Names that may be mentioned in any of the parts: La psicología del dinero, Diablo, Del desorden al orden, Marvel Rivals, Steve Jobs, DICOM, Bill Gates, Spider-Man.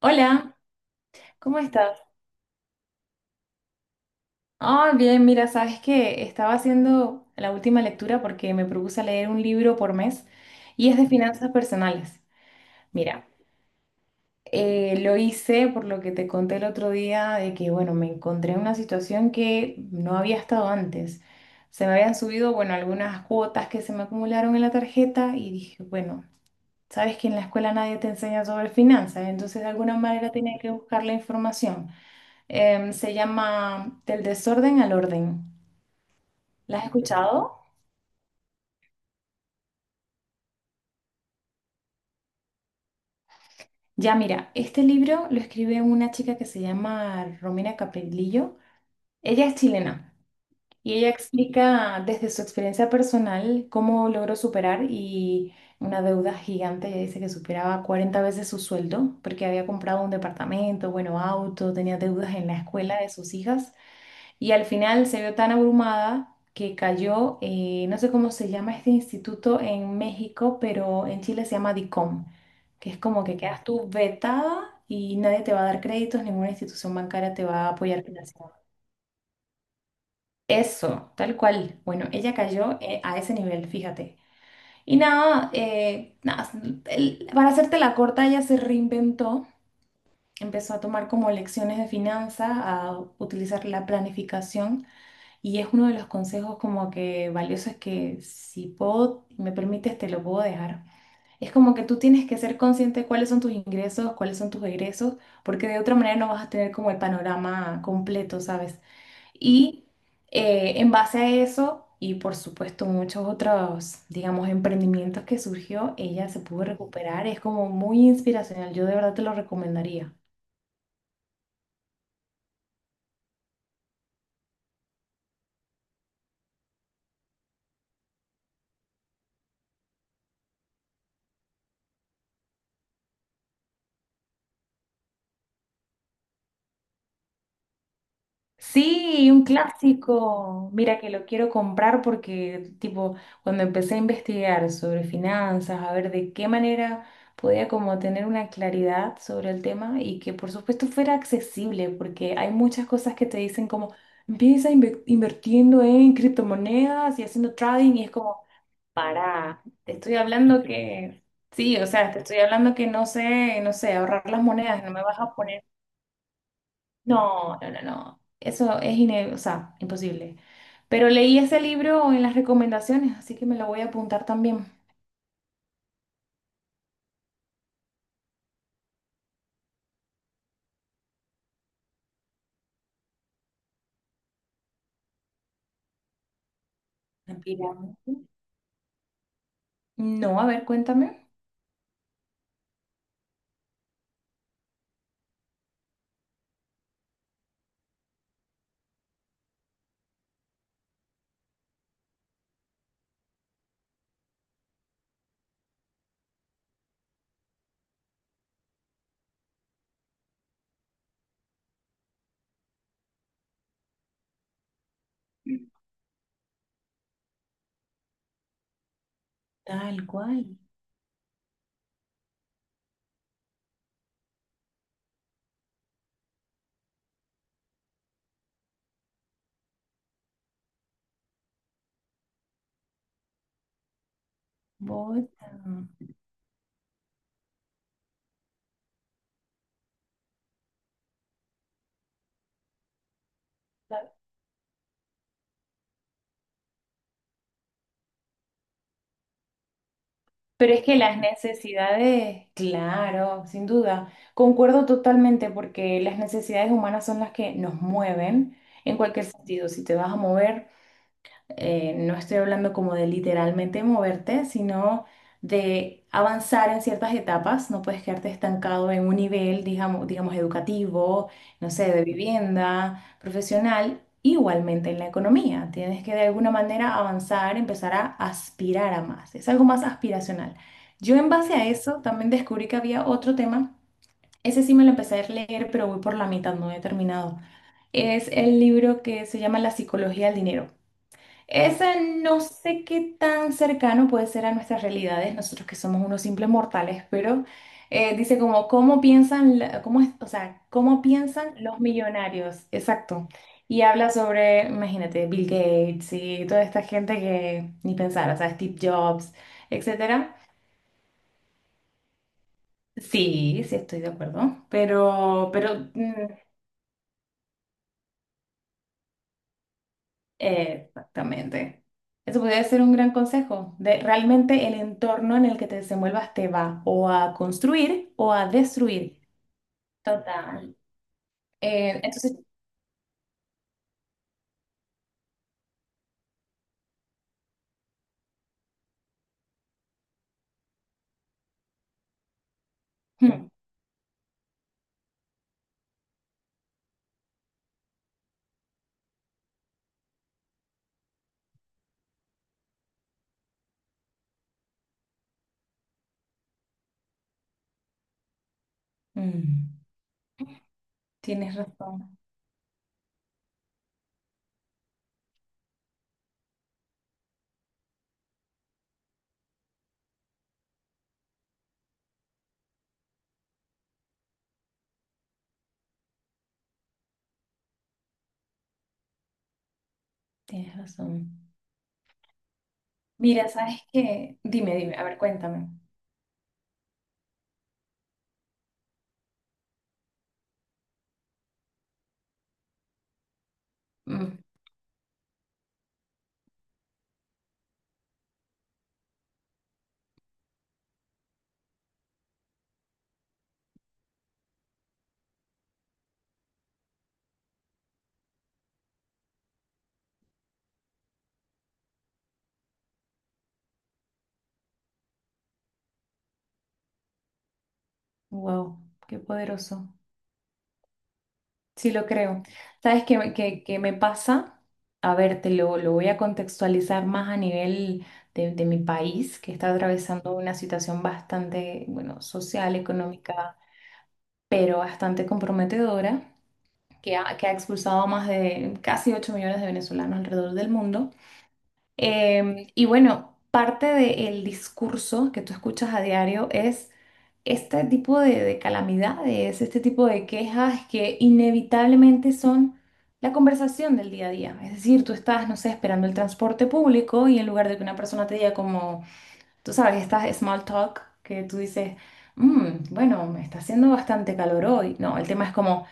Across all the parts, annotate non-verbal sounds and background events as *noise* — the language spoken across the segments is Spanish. Hola, ¿cómo estás? Ah, bien, mira, sabes que estaba haciendo la última lectura porque me propuse leer un libro por mes y es de finanzas personales. Mira, lo hice por lo que te conté el otro día de que, bueno, me encontré en una situación que no había estado antes. Se me habían subido, bueno, algunas cuotas que se me acumularon en la tarjeta y dije, bueno, sabes que en la escuela nadie te enseña sobre finanzas, entonces de alguna manera tenía que buscar la información. Se llama Del desorden al orden. ¿La has escuchado? Ya, mira, este libro lo escribe una chica que se llama Romina Capellillo. Ella es chilena y ella explica desde su experiencia personal cómo logró superar y una deuda gigante. Ella dice que superaba 40 veces su sueldo porque había comprado un departamento, bueno, auto, tenía deudas en la escuela de sus hijas. Y al final se vio tan abrumada que cayó, no sé cómo se llama este instituto en México, pero en Chile se llama DICOM, que es como que quedas tú vetada y nadie te va a dar créditos, ninguna institución bancaria te va a apoyar financieramente. Eso, tal cual. Bueno, ella cayó, a ese nivel, fíjate. Y nada, nada, para hacerte la corta, ella se reinventó, empezó a tomar como lecciones de finanzas, a utilizar la planificación. Y es uno de los consejos como que valiosos que si puedo, me permites, te lo puedo dejar. Es como que tú tienes que ser consciente de cuáles son tus ingresos, cuáles son tus egresos, porque de otra manera no vas a tener como el panorama completo, ¿sabes? Y en base a eso, y por supuesto muchos otros, digamos, emprendimientos que surgió, ella se pudo recuperar. Es como muy inspiracional. Yo de verdad te lo recomendaría. Sí, un clásico. Mira que lo quiero comprar porque, tipo, cuando empecé a investigar sobre finanzas, a ver de qué manera podía como tener una claridad sobre el tema y que por supuesto fuera accesible, porque hay muchas cosas que te dicen como, empieza invirtiendo en criptomonedas y haciendo trading y es como, para, te estoy hablando *laughs* que, sí, o sea, te estoy hablando que no sé, no sé, ahorrar las monedas, no me vas a poner no, no, no, no. Eso es o sea, imposible. Pero leí ese libro en las recomendaciones, así que me lo voy a apuntar también. La pirámide, no, a ver, cuéntame. Tal cual. Bota. La- Pero es que las necesidades, claro, sin duda, concuerdo totalmente porque las necesidades humanas son las que nos mueven en cualquier sentido. Si te vas a mover... no estoy hablando como de literalmente moverte, sino de avanzar en ciertas etapas. No puedes quedarte estancado en un nivel, digamos, educativo, no sé, de vivienda, profesional, igualmente en la economía. Tienes que de alguna manera avanzar, empezar a aspirar a más. Es algo más aspiracional. Yo en base a eso también descubrí que había otro tema. Ese sí me lo empecé a leer, pero voy por la mitad, no he terminado. Es el libro que se llama La psicología del dinero. Ese no sé qué tan cercano puede ser a nuestras realidades, nosotros que somos unos simples mortales, pero dice como, ¿cómo piensan, cómo o sea, cómo piensan los millonarios? Exacto. Y habla sobre, imagínate, Bill Gates y toda esta gente que ni pensar, o sea, Steve Jobs, etcétera. Sí, sí estoy de acuerdo, pero, pero. Exactamente. Eso podría ser un gran consejo, de realmente el entorno en el que te desenvuelvas te va o a construir o a destruir. Total. Entonces, hmm, *laughs* mm, tienes razón, tienes razón. Mira, ¿sabes qué? Dime, dime, a ver, cuéntame. Mm, wow, qué poderoso. Sí, lo creo. ¿Sabes qué, me qué me pasa? A ver, te lo voy a contextualizar más a nivel de mi país, que está atravesando una situación bastante, bueno, social, económica, pero bastante comprometedora, que ha expulsado a más de casi 8 millones de venezolanos alrededor del mundo. Y bueno, parte del discurso que tú escuchas a diario es este tipo de calamidades, este tipo de quejas que inevitablemente son la conversación del día a día. Es decir, tú estás, no sé, esperando el transporte público y en lugar de que una persona te diga como... Tú sabes, estas small talk que tú dices, bueno, me está haciendo bastante calor hoy". No, el tema es como,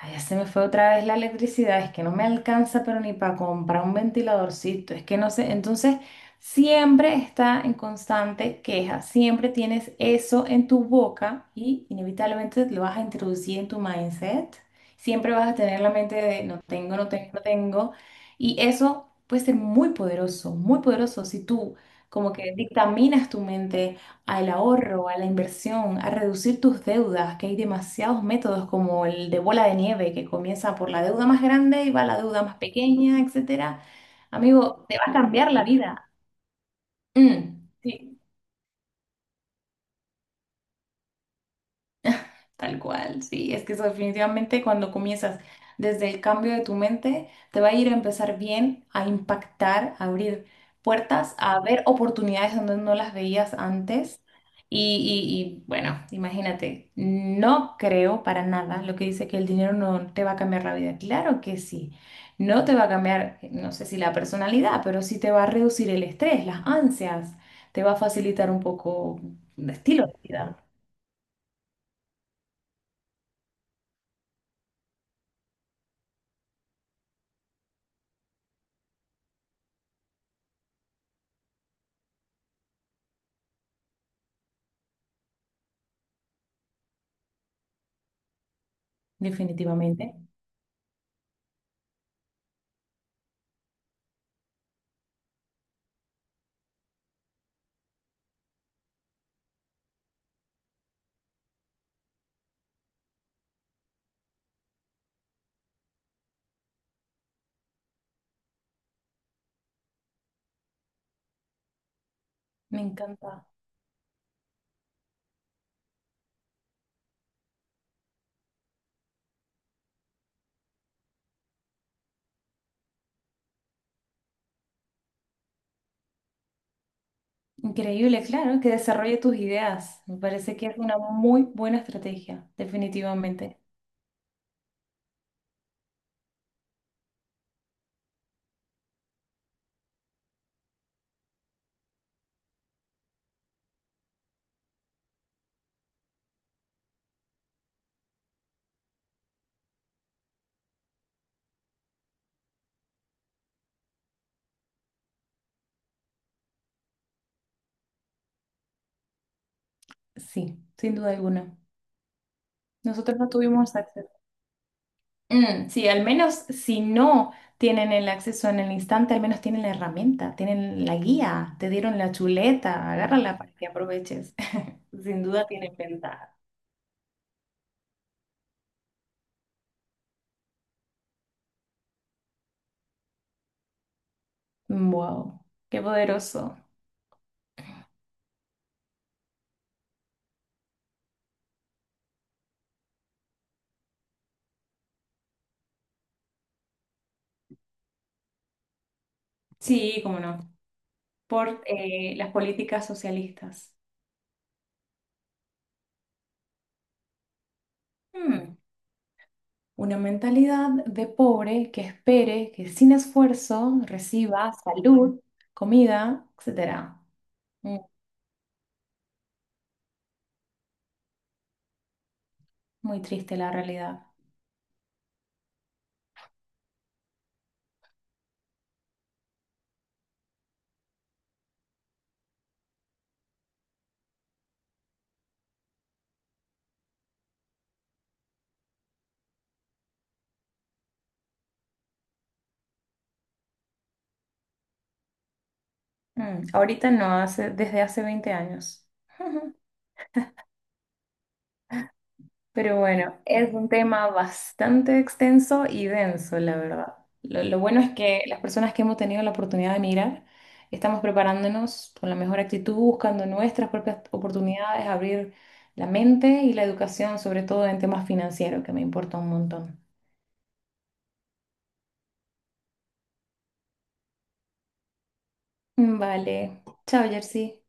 ay, ya se me fue otra vez la electricidad, es que no me alcanza, pero ni para comprar un ventiladorcito, es que no sé. Entonces, siempre está en constante queja, siempre tienes eso en tu boca y inevitablemente lo vas a introducir en tu mindset. Siempre vas a tener la mente de no tengo, no tengo, no tengo. Y eso puede ser muy poderoso si tú como que dictaminas tu mente al ahorro, a la inversión, a reducir tus deudas, que hay demasiados métodos como el de bola de nieve, que comienza por la deuda más grande y va a la deuda más pequeña, etcétera. Amigo, te va a cambiar la vida. Mm, sí. Tal cual, sí, es que eso definitivamente cuando comienzas desde el cambio de tu mente, te va a ir a empezar bien, a impactar, a abrir puertas, a ver oportunidades donde no las veías antes. Y, y, bueno, imagínate, no creo para nada lo que dice que el dinero no te va a cambiar la vida. Claro que sí, no te va a cambiar, no sé si la personalidad, pero sí te va a reducir el estrés, las ansias, te va a facilitar un poco el estilo de vida, definitivamente. Me encanta. Increíble, claro, que desarrolle tus ideas. Me parece que es una muy buena estrategia, definitivamente. Sí, sin duda alguna. Nosotros no tuvimos acceso. Mm, sí, al menos si no tienen el acceso en el instante, al menos tienen la herramienta, tienen la guía, te dieron la chuleta, agárrala para que aproveches. *laughs* Sin duda tienen ventaja. Wow, qué poderoso. Sí, cómo no. Por las políticas socialistas. Mm. Una mentalidad de pobre que espere que sin esfuerzo reciba salud, comida, etcétera. Mm, muy triste la realidad. Mm, ahorita no, hace, desde hace 20 años. *laughs* Pero bueno, es un tema bastante extenso y denso, la verdad. Lo bueno es que las personas que hemos tenido la oportunidad de mirar estamos preparándonos con la mejor actitud, buscando nuestras propias oportunidades, abrir la mente y la educación, sobre todo en temas financieros, que me importa un montón. Vale. Chao, Jersey.